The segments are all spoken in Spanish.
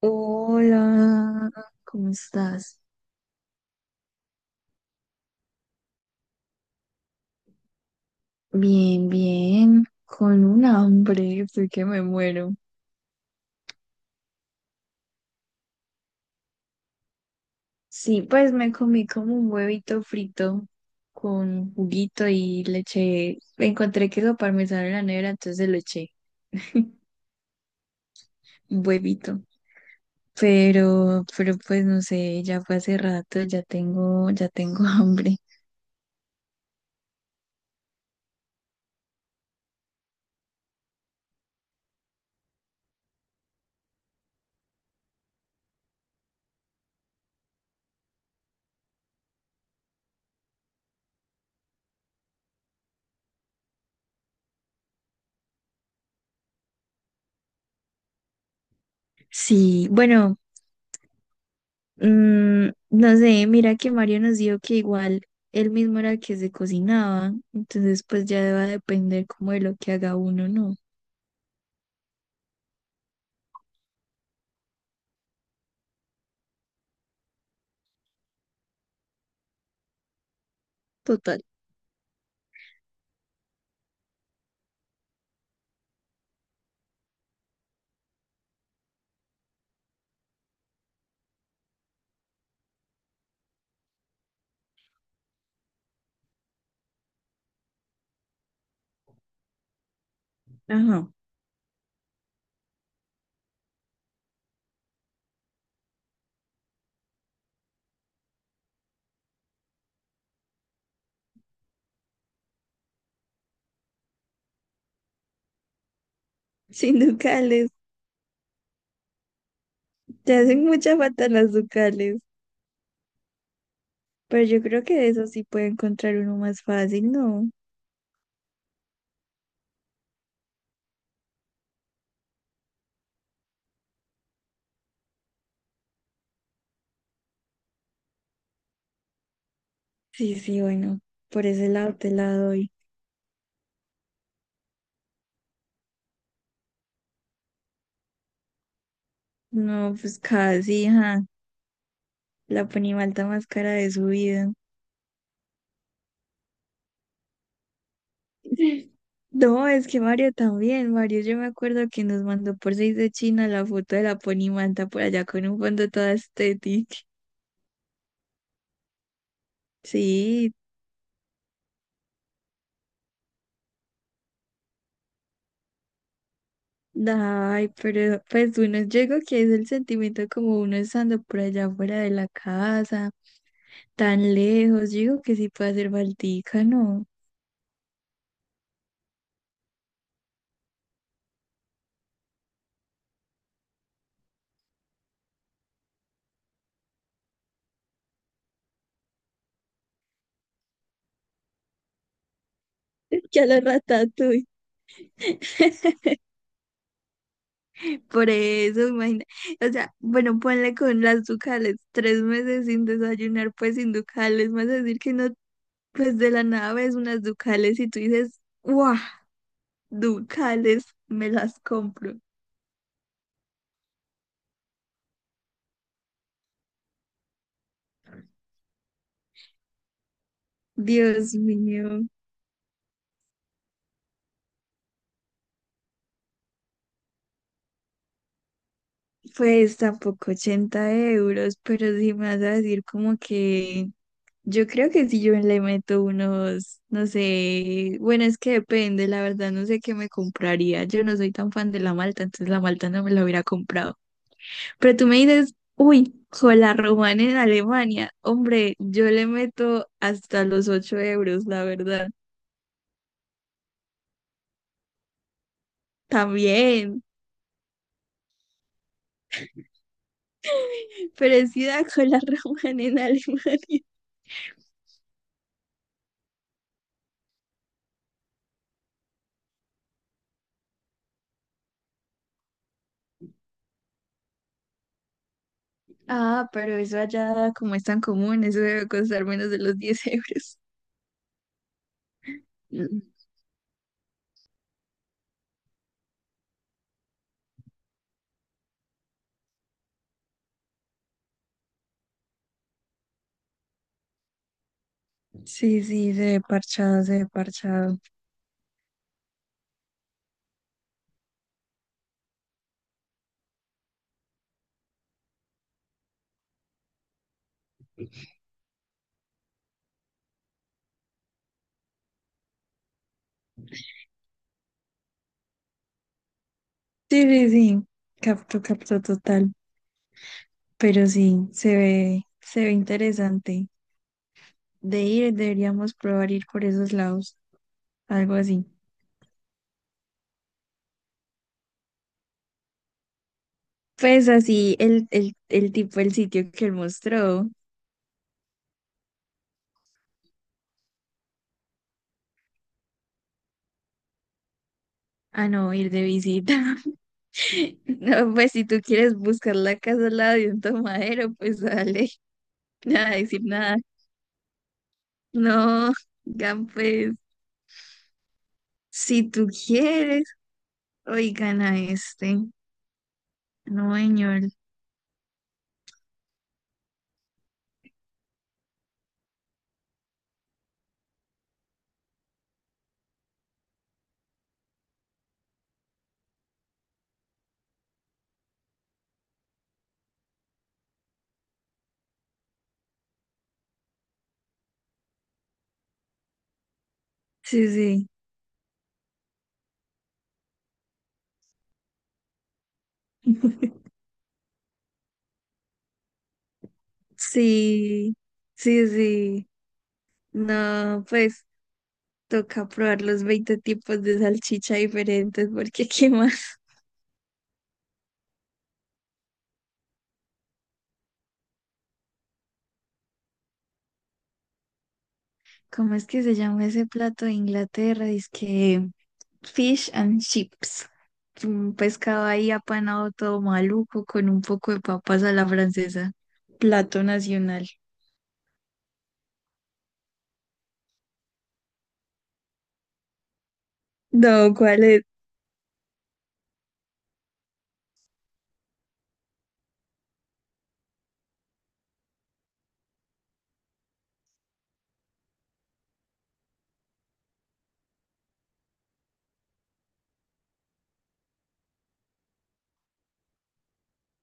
Hola, ¿cómo estás? Bien, bien, con un hambre, estoy que me muero. Sí, pues me comí como un huevito frito con juguito y le eché, encontré queso parmesano en la nevera, entonces le eché un huevito. Pero pues no sé, ya fue hace rato, ya tengo hambre. Sí, bueno, no sé, mira que Mario nos dijo que igual él mismo era el que se cocinaba, entonces pues ya va a depender como de lo que haga uno, ¿no? Total. Ajá. Sin ducales. Te hacen mucha falta las ducales, pero yo creo que de eso sí puede encontrar uno más fácil, ¿no? Sí, sí, bueno, por ese lado te la doy. No, pues casi, ajá, la ponimalta más cara de su vida. No, es que Mario también. Mario, yo me acuerdo que nos mandó por seis de China la foto de la ponimanta por allá con un fondo toda estética. Sí, ay, pero pues uno, yo digo que es el sentimiento como uno estando por allá fuera de la casa, tan lejos. Yo digo que sí puede hacer baltica, ¿no? Que a la ratatouille. Por eso, imagina. O sea, bueno, ponle con las ducales, 3 meses sin desayunar, pues sin ducales, más decir que no. Pues de la nada ves unas Ducales y tú dices, ¡guau! Ducales, me las compro. Dios mío, pues tampoco 80 euros, pero si me vas a decir como que yo creo que si yo le meto unos, no sé, bueno, es que depende, la verdad no sé qué me compraría. Yo no soy tan fan de la malta, entonces la malta no me la hubiera comprado. Pero tú me dices, uy, con la romana en Alemania, hombre, yo le meto hasta los 8 euros, la verdad. También, parecida con la Raman en Alemania. Ah, pero eso allá como es tan común, eso debe costar menos de los 10 euros. Mm. Sí, sí, se ve parchado, se ve parchado. Sí, sí, sí, capto, capto total. Pero sí, se ve interesante. De ir, deberíamos probar ir por esos lados, algo así. Pues así, el tipo, el sitio que él mostró. Ah, no, ir de visita. No, pues si tú quieres buscar la casa al lado de un tomadero, pues dale, nada, decir nada. No, oigan, pues si tú quieres, oigan a este. No, señor. Sí, sí, sí, sí, sí. No, pues toca probar los 20 tipos de salchicha diferentes, porque qué más. ¿Cómo es que se llama ese plato de Inglaterra? Dice Fish and chips. Un pescado ahí apanado todo maluco con un poco de papas a la francesa. Plato nacional. No, ¿cuál es?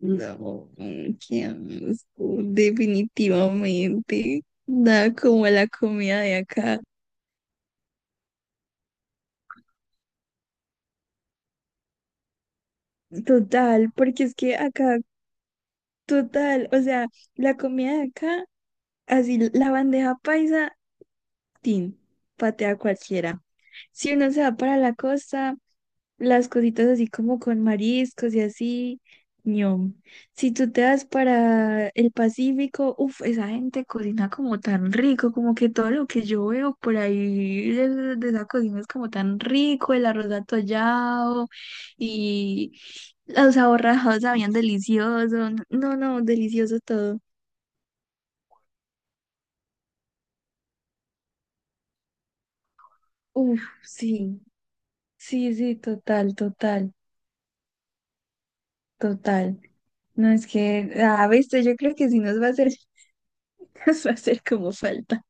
No, qué asco, definitivamente. Nada como la comida de acá. Total, porque es que acá, total, o sea, la comida de acá, así la bandeja paisa, tin, patea cualquiera. Si uno se va para la costa, las cositas así como con mariscos y así, ñom. Si tú te das para el Pacífico, uff, esa gente cocina como tan rico, como que todo lo que yo veo por ahí de esa cocina es como tan rico, el arroz atollado y los aborrajados sabían delicioso, no, no, delicioso todo. Uff, sí, sí, sí, total, total, total. No, es que, ah, viste, yo creo que si nos va a hacer, nos va a hacer como falta.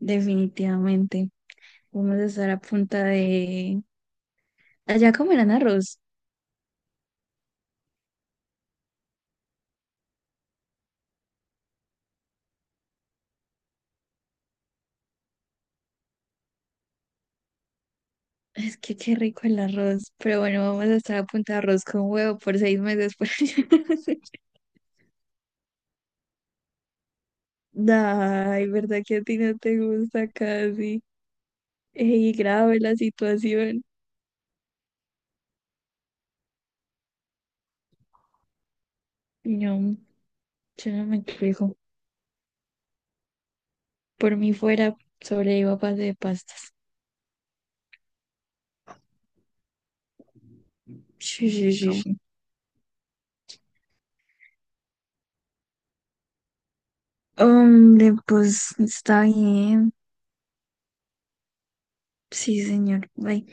Definitivamente. Vamos a estar a punta de... Allá comerán arroz. Es que qué rico el arroz. Pero bueno, vamos a estar a punta de arroz con huevo por 6 meses. Por allá. Ay, ¿verdad que a ti no te gusta casi? Ey, grave la situación. No, yo no me quejo. Por mí fuera, sobrevivo a base de pastas. Sí, sí, sí, no, sí. Hombre, pues está bien. Sí, señor. Ay,